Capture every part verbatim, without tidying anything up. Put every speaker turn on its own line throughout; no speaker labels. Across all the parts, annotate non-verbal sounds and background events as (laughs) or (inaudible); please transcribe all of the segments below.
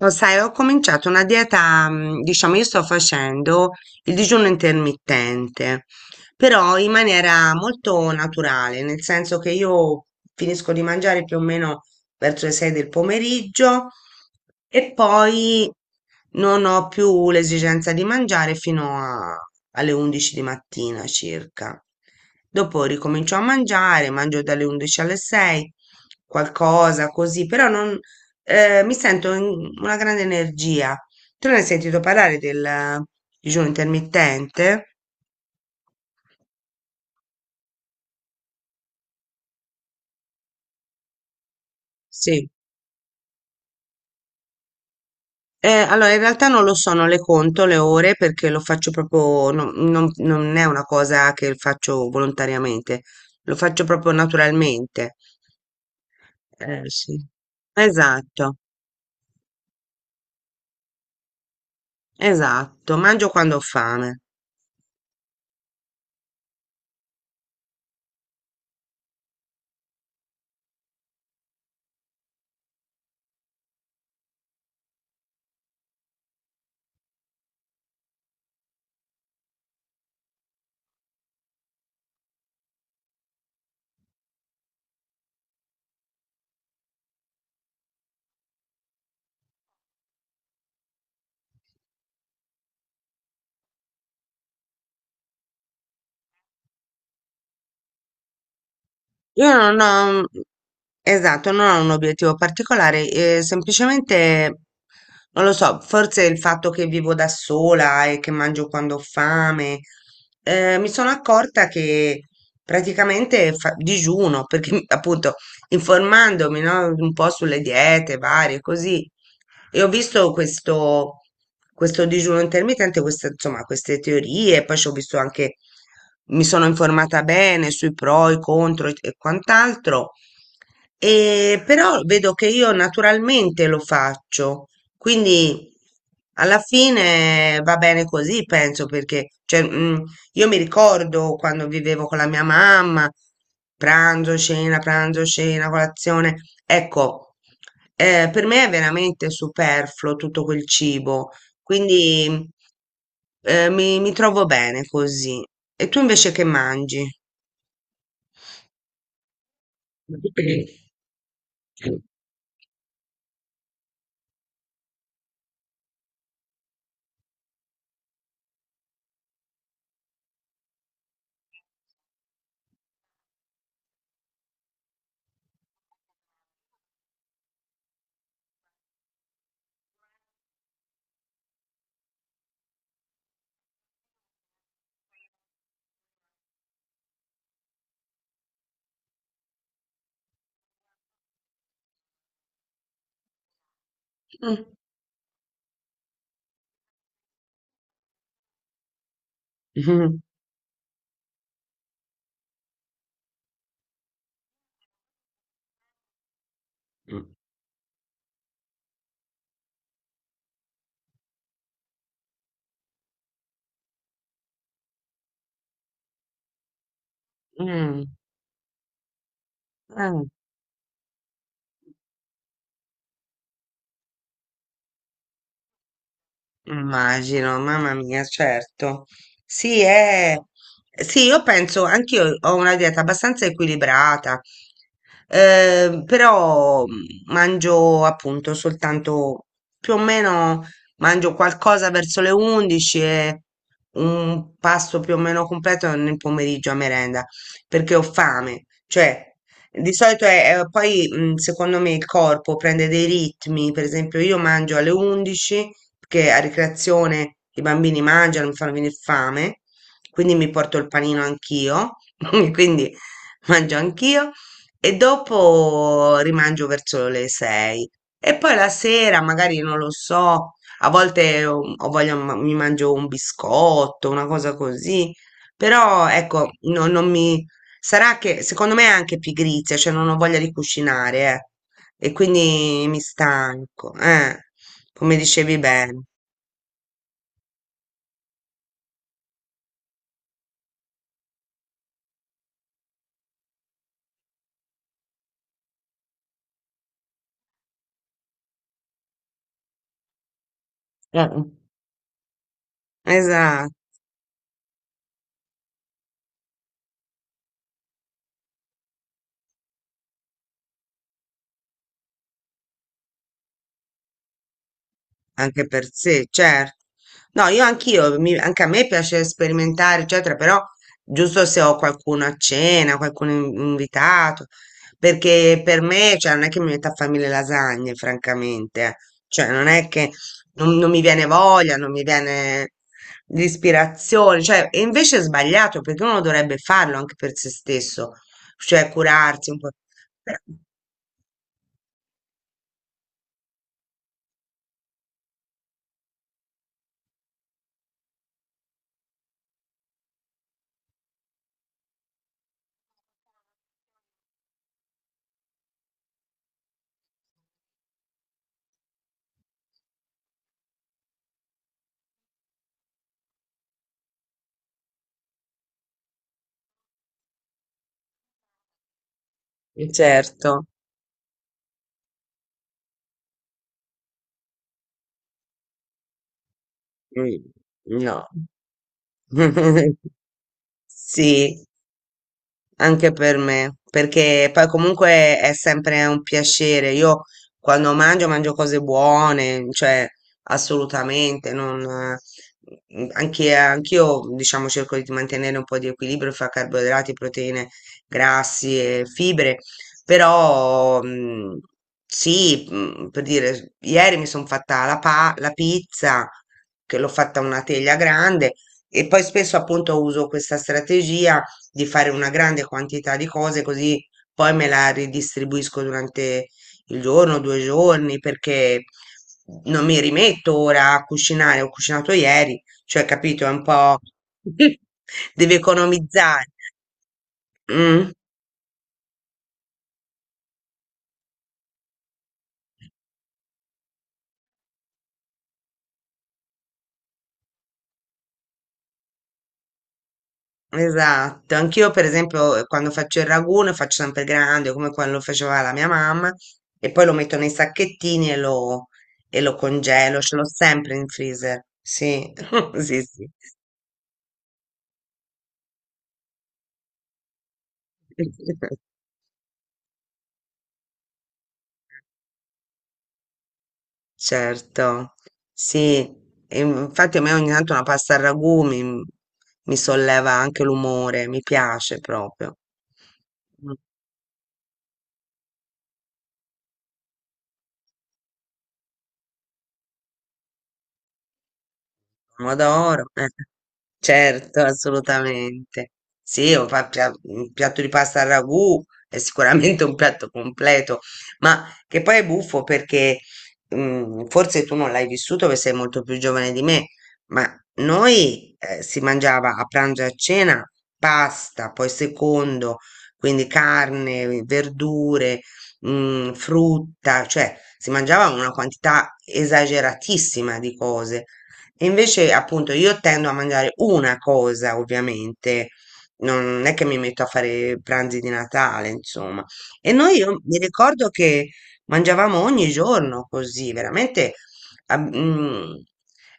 Lo sai, ho cominciato una dieta, mm, diciamo, io sto facendo il digiuno intermittente, però in maniera molto naturale, nel senso che io finisco di mangiare più o meno verso le sei del pomeriggio e poi non ho più l'esigenza di mangiare fino a- alle undici di mattina circa. Dopo ricomincio a mangiare, mangio dalle undici alle sei, qualcosa così, però non eh, mi sento in- una grande energia. Tu ne hai sentito parlare del digiuno intermittente? Sì. Eh, allora, in realtà non lo so, non le conto le ore perché lo faccio proprio, no- non, non è una cosa che faccio volontariamente, lo faccio proprio naturalmente. Eh, sì. Esatto, esatto, mangio quando ho fame. Io non ho. Esatto, non ho un obiettivo particolare, eh, semplicemente non lo so, forse il fatto che vivo da sola e che mangio quando ho fame, eh, mi sono accorta che praticamente fa- digiuno, perché (laughs) appunto informandomi, no, un po' sulle diete varie, così, e ho visto questo, questo digiuno intermittente, queste, insomma, queste teorie, poi ci ho visto anche, mi sono informata bene sui pro, i contro e e quant'altro, e però vedo che io naturalmente lo faccio, quindi alla fine va bene così, penso, perché cioè, mm, io mi ricordo quando vivevo con la mia mamma, pranzo, cena, pranzo, cena, colazione. Ecco, eh, per me è veramente superfluo tutto quel cibo, quindi eh, mi, mi trovo bene così. E tu invece che mangi? Mm. (laughs) Mm. Mm. Mm. Immagino, mamma mia, certo. Sì, è... sì, io penso, anch'io ho una dieta abbastanza equilibrata, eh, però mm, mangio appunto soltanto più o meno mangio qualcosa verso le undici e un pasto più o meno completo nel pomeriggio a merenda, perché ho fame, cioè di solito è, è- poi mm, secondo me il corpo prende dei ritmi, per esempio io mangio alle undici perché a ricreazione i bambini mangiano, mi fanno venire fame, quindi mi porto il panino anch'io, (laughs) quindi mangio anch'io e dopo rimangio verso le sei e poi la sera magari non lo so, a volte um, ho voglia, ma- mi mangio un biscotto, una cosa così, però ecco, no- non mi... Sarà che secondo me è anche pigrizia, cioè non ho voglia di cucinare, eh, e quindi mi stanco, eh. Come dicevi bene. Eh, Esatto, anche per sé, certo. No, io anch'io, mi- anche a me piace sperimentare, eccetera, però giusto se ho qualcuno a cena, qualcuno in- invitato, perché per me, cioè, non è che mi metta a fare mille lasagne, francamente, eh. Cioè, non è che non, non mi viene voglia, non mi viene l'ispirazione, cioè, e invece è sbagliato, perché uno dovrebbe farlo anche per se stesso, cioè curarsi un po'. Però- Certo. Mh, no. (laughs) Sì. Anche per me, perché poi comunque è sempre un piacere. Io quando mangio, mangio cose buone, cioè assolutamente, non, eh, anche, anch'io diciamo cerco di mantenere un po' di equilibrio fra carboidrati, proteine, grassi e fibre, però mm, sì, mm, per dire, ieri mi sono fatta la, pa- la pizza, che l'ho fatta una teglia grande, e poi spesso appunto uso questa strategia di fare una grande quantità di cose così poi me la ridistribuisco durante il giorno, due giorni, perché non mi rimetto ora a cucinare, ho cucinato ieri, cioè capito, è un po' (laughs) devi economizzare. Mm, esatto, anch'io per esempio eh, quando faccio il ragù ne faccio sempre grande come quello faceva la mia mamma e poi lo metto nei sacchettini e lo, e lo congelo, ce l'ho sempre in freezer. Sì, (laughs) sì, sì. (laughs) Certo, sì, e infatti a me ogni tanto una pasta al ragù mi, mi solleva anche l'umore, mi piace proprio. Mm, Pomodoro, eh. Certo, assolutamente. Sì, o fa- pia- un piatto di pasta al ragù è sicuramente un piatto completo, ma che poi è buffo perché mm, forse tu non l'hai vissuto perché sei molto più giovane di me, ma noi eh, si mangiava a pranzo e a cena pasta, poi secondo, quindi carne, verdure, mm, frutta, cioè si mangiava una quantità esageratissima di cose. E invece, appunto, io tendo a mangiare una cosa, ovviamente, non è che mi metto a fare pranzi di Natale, insomma. E noi, io mi ricordo che mangiavamo ogni giorno così, veramente, ah, mm,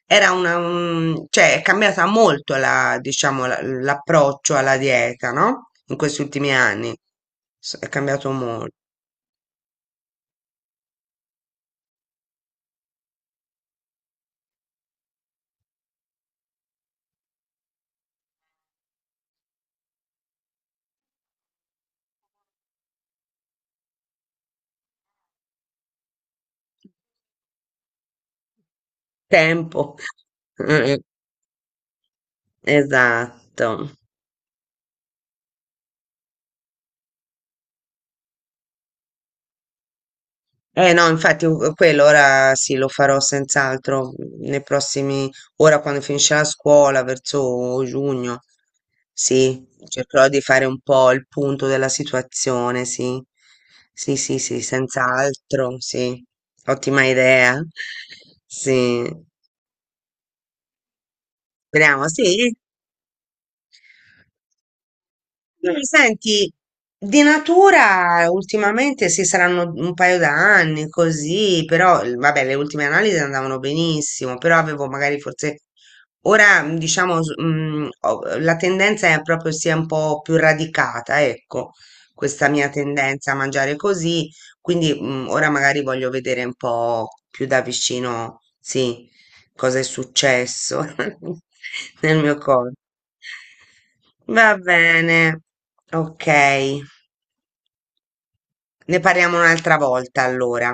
era una, un- cioè, è cambiata molto la, diciamo, la- l'approccio alla dieta, no? In questi ultimi anni. S- È cambiato molto. Tempo. (laughs) Eh, esatto. Eh no, infatti u- quello ora sì, lo farò senz'altro mm, nei prossimi, ora quando finisce la scuola, verso giugno, sì, cercherò di fare un po' il punto della situazione, sì, sì, sì, sì, senz'altro, sì, ottima idea, sì, speriamo, sì. Mm, Senti, di natura ultimamente sì, saranno un paio d'anni così, però eh, vabbè, le ultime analisi andavano benissimo, però avevo magari forse ora mm, diciamo s- mm, ho- la tendenza è proprio sia un po' più radicata, ecco, questa mia tendenza a mangiare così, quindi mm, ora magari voglio vedere un po' più da vicino, sì, cosa è successo (laughs) nel mio corpo. Va bene, ok. Ne parliamo un'altra volta allora.